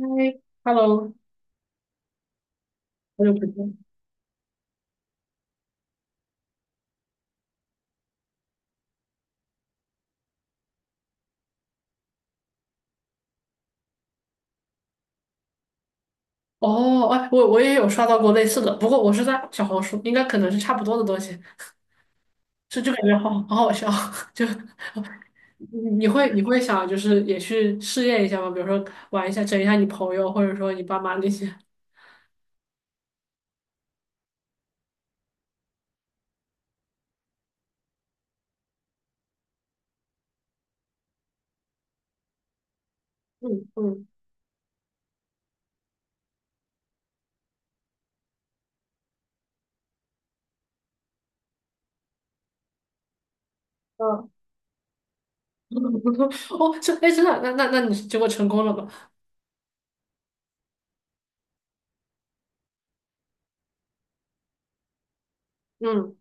嗨，Hello，好久不见。哦，哎，我也有刷到过类似的，不过我是在小红书，应该可能是差不多的东西，就感觉好好笑，就你你会想就是也去试验一下吗？比如说玩一下，整一下你朋友，或者说你爸妈那些。嗯嗯嗯，哦，这哎真的，那你结果成功了吗？嗯，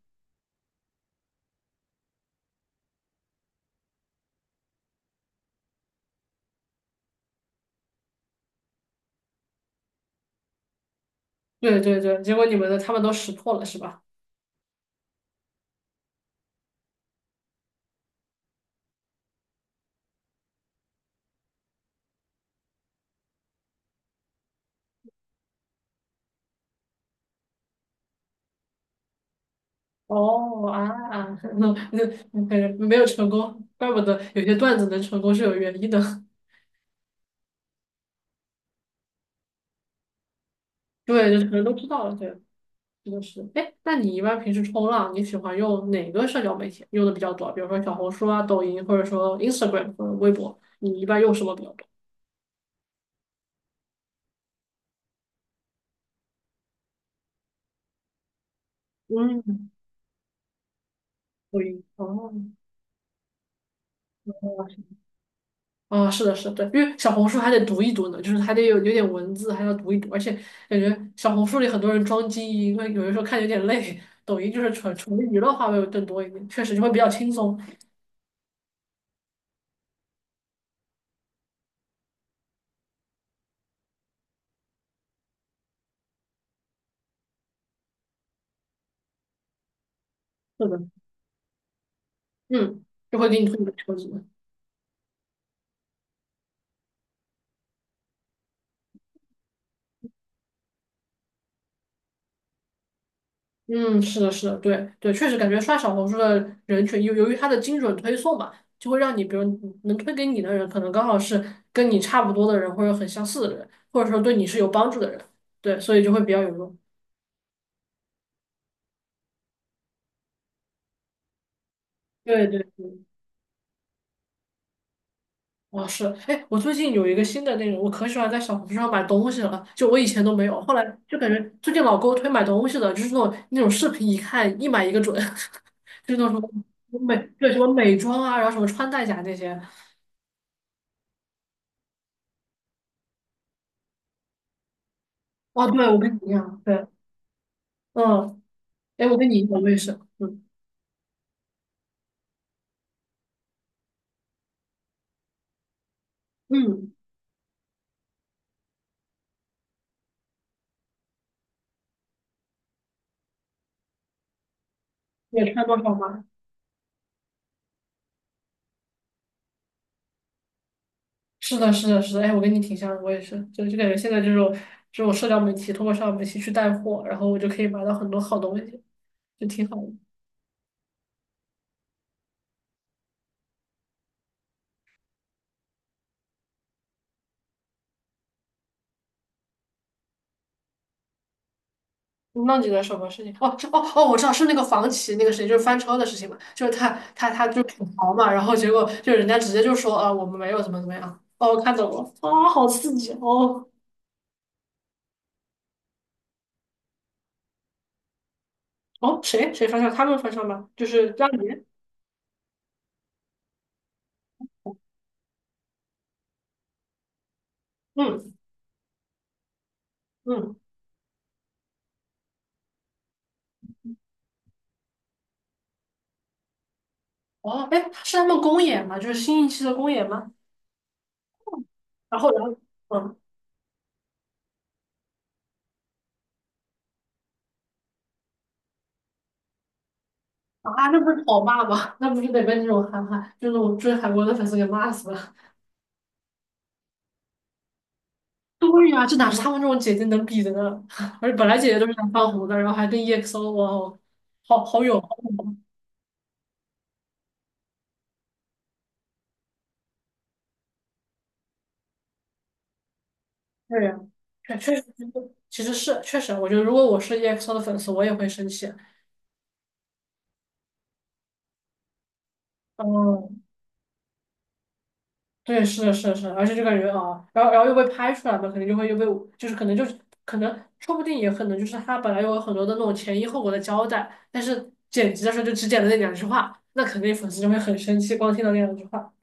对对对，结果你们的他们都识破了是吧？哦啊，那那感觉没有成功，怪不得有些段子能成功是有原因的。对，就是可能都知道了，对，是的是。哎，那你一般平时冲浪，你喜欢用哪个社交媒体用的比较多？比如说小红书啊、抖音，或者说 Instagram 或者微博，你一般用什么比较多？嗯，抖音。哦，啊，是的，是的，对，因为小红书还得读一读呢，就是还得有点文字，还要读一读，而且感觉小红书里很多人装精英，为有的时候看有点累。抖音就是纯纯娱乐化会更多一点，确实就会比较轻松。是的，嗯，就会给你推一个车子。嗯，是的，是的，对对，确实感觉刷小红书的人群，由于它的精准推送嘛，就会让你，比如能推给你的人，可能刚好是跟你差不多的人，或者很相似的人，或者说对你是有帮助的人，对，所以就会比较有用。对对对，哦是，哎，我最近有一个新的那种，我可喜欢在小红书上买东西了，就我以前都没有，后来就感觉最近老给我推买东西的，就是那种视频，一看一买一个准，就是那种什么美，对，什么美妆啊，然后什么穿戴甲那些。哦，对，我跟你一样，对。嗯，哎，我跟你一样，我也是，嗯嗯，你也穿多少吗？是的，是的，是的，哎，我跟你挺像的，我也是，就感觉现在这种社交媒体，通过社交媒体去带货，然后我就可以买到很多好东西，就挺好的。那你的什么事情？哦，是哦哦，我知道是那个房企那个谁，就是翻车的事情嘛，就是他就吐槽嘛，然后结果就人家直接就说啊，我们没有怎么怎么样。哦，我看懂了，啊、好刺激哦哦，谁谁翻车？他们翻车吗？就是让你，嗯嗯。哦，哎，是他们公演吗？就是新一期的公演吗？然后，嗯，啊，那不是讨骂吗？那不是得被那种韩寒，就那种追韩国的粉丝给骂死了。对呀、这哪是他们这种姐姐能比的呢？而且本来姐姐都是想当红的，然后还跟 EXO,哇哦，好好有，对呀、确确实，其实是确实，我觉得如果我是 EXO 的粉丝，我也会生气。嗯，对，是的，是的，是的，而且这感觉啊，然后又被拍出来嘛，肯定就会又被，就是可能就是可能，说不定也可能就是他本来有很多的那种前因后果的交代，但是剪辑的时候就只剪了那两句话，那肯定粉丝就会很生气，光听到那两句话。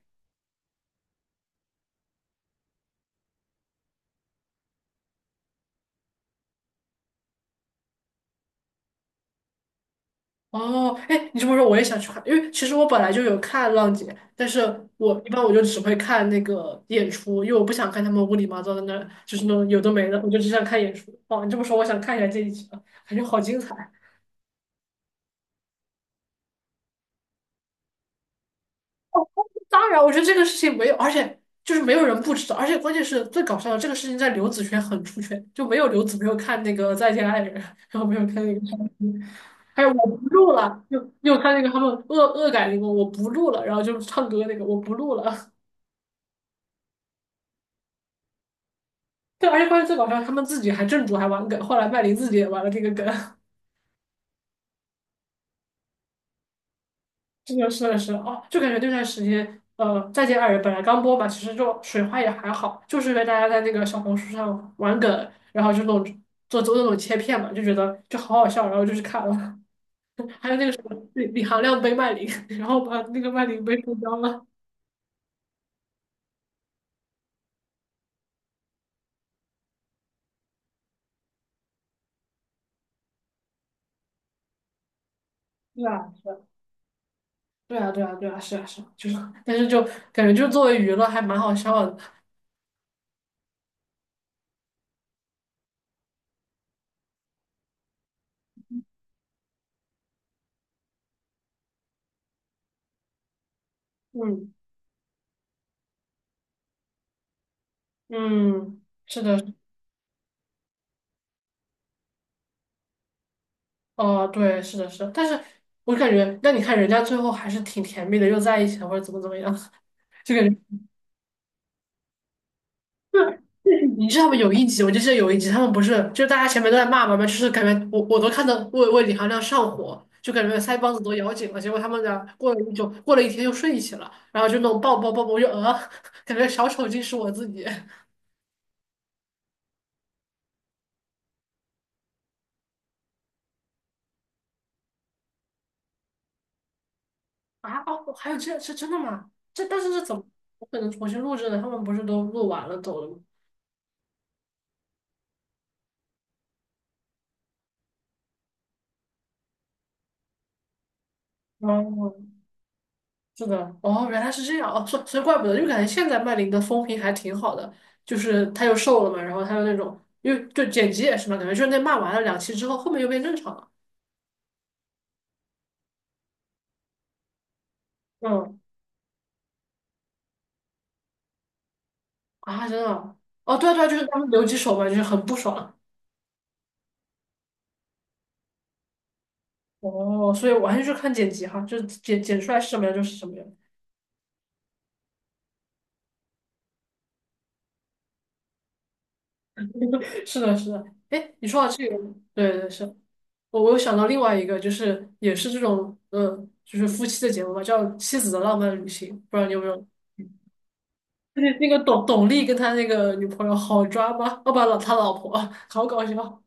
哦，哎，你这么说我也想去看，因为其实我本来就有看浪姐，但是我一般我就只会看那个演出，因为我不想看他们乌里麻糟的那，就是那种有的没的，我就只想看演出。哦，你这么说，我想看一下这一集了，感觉好精彩。当然，我觉得这个事情没有，而且就是没有人不知道，而且关键是最搞笑的，这个事情在刘子轩很出圈，就没有刘子没有看那个《再见爱人》，然后没有看那个哈洛还有我不录了，又看那个他们恶改那个我不录了，然后就唱歌那个我不录了，对，而且关键最搞笑，他们自己还正主还玩梗，后来麦琳自己也玩了这个梗，是的，是的，是的哦，就感觉那段时间，再见爱人》本来刚播吧，其实就水花也还好，就是因为大家在那个小红书上玩梗，然后这种做那种切片嘛，就觉得就好好笑，然后就去看了。还有那个什么李行亮背麦琳，然后把那个麦琳背受伤了。对啊，对啊，对啊，对啊，是啊，是啊，就是，但是就感觉就作为娱乐还蛮好笑的。嗯嗯，是的，哦，对，是的，是的但是我感觉，那你看人家最后还是挺甜蜜的，又在一起了，或者怎么怎么样。就感觉你知道吗？有一集，我就记得有一集，他们不是就是大家前面都在骂嘛嘛，就是感觉我都看到为李行亮上火，就感觉腮帮子都咬紧了。结果他们俩过了一周，过了一天又睡一起了，然后就那种抱抱抱抱，我就感觉小丑竟是我自己啊！哦，还有这是真的吗？这但是这怎么我可能重新录制的？他们不是都录完了走了吗？哦是的，哦，原来是这样，哦，所以怪不得，因为感觉现在麦林的风评还挺好的，就是她又瘦了嘛，然后她又那种，因为就剪辑也是嘛，感觉就是那骂完了两期之后，后面又变正常了。嗯，啊，真的啊哦，对啊对啊，就是他们留几手嘛，就是很不爽。哦，所以完全就是看剪辑哈，就是剪出来是什么样就是什么样。是的，是的。哎，你说到这个，对对是，我有想到另外一个，就是也是这种，嗯，就是夫妻的节目嘛，叫《妻子的浪漫旅行》，不知道你有没有？那那个董力跟他那个女朋友好抓吗？哦不，老他老婆好搞笑。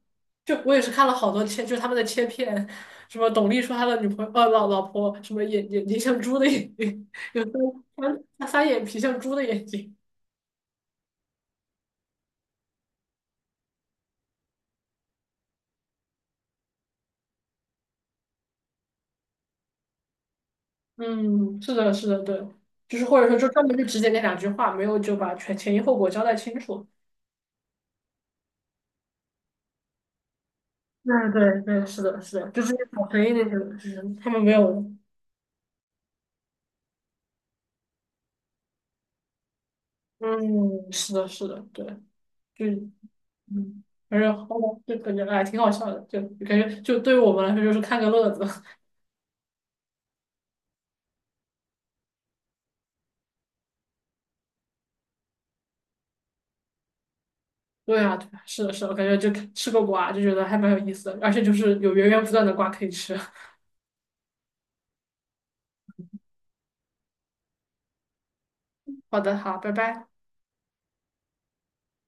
就我也是看了好多切，就是他们的切片，什么董力说他的女朋友老婆什么眼睛像猪的眼睛，有时候翻他翻眼皮像猪的眼睛。嗯，是的，是的，对，就是或者说就专门就只剪那两句话，没有就把全前因后果交代清楚。对对对，是的，是的，就是小黑那些，就是他们没有。嗯，是的，是的，对，就嗯，反正好吧，就感觉哎挺好笑的，就感觉就对于我们来说就是看个乐子。对啊，对啊，是的，是的，感觉就吃个瓜就觉得还蛮有意思的，而且就是有源源不断的瓜可以吃。好的，好，拜拜。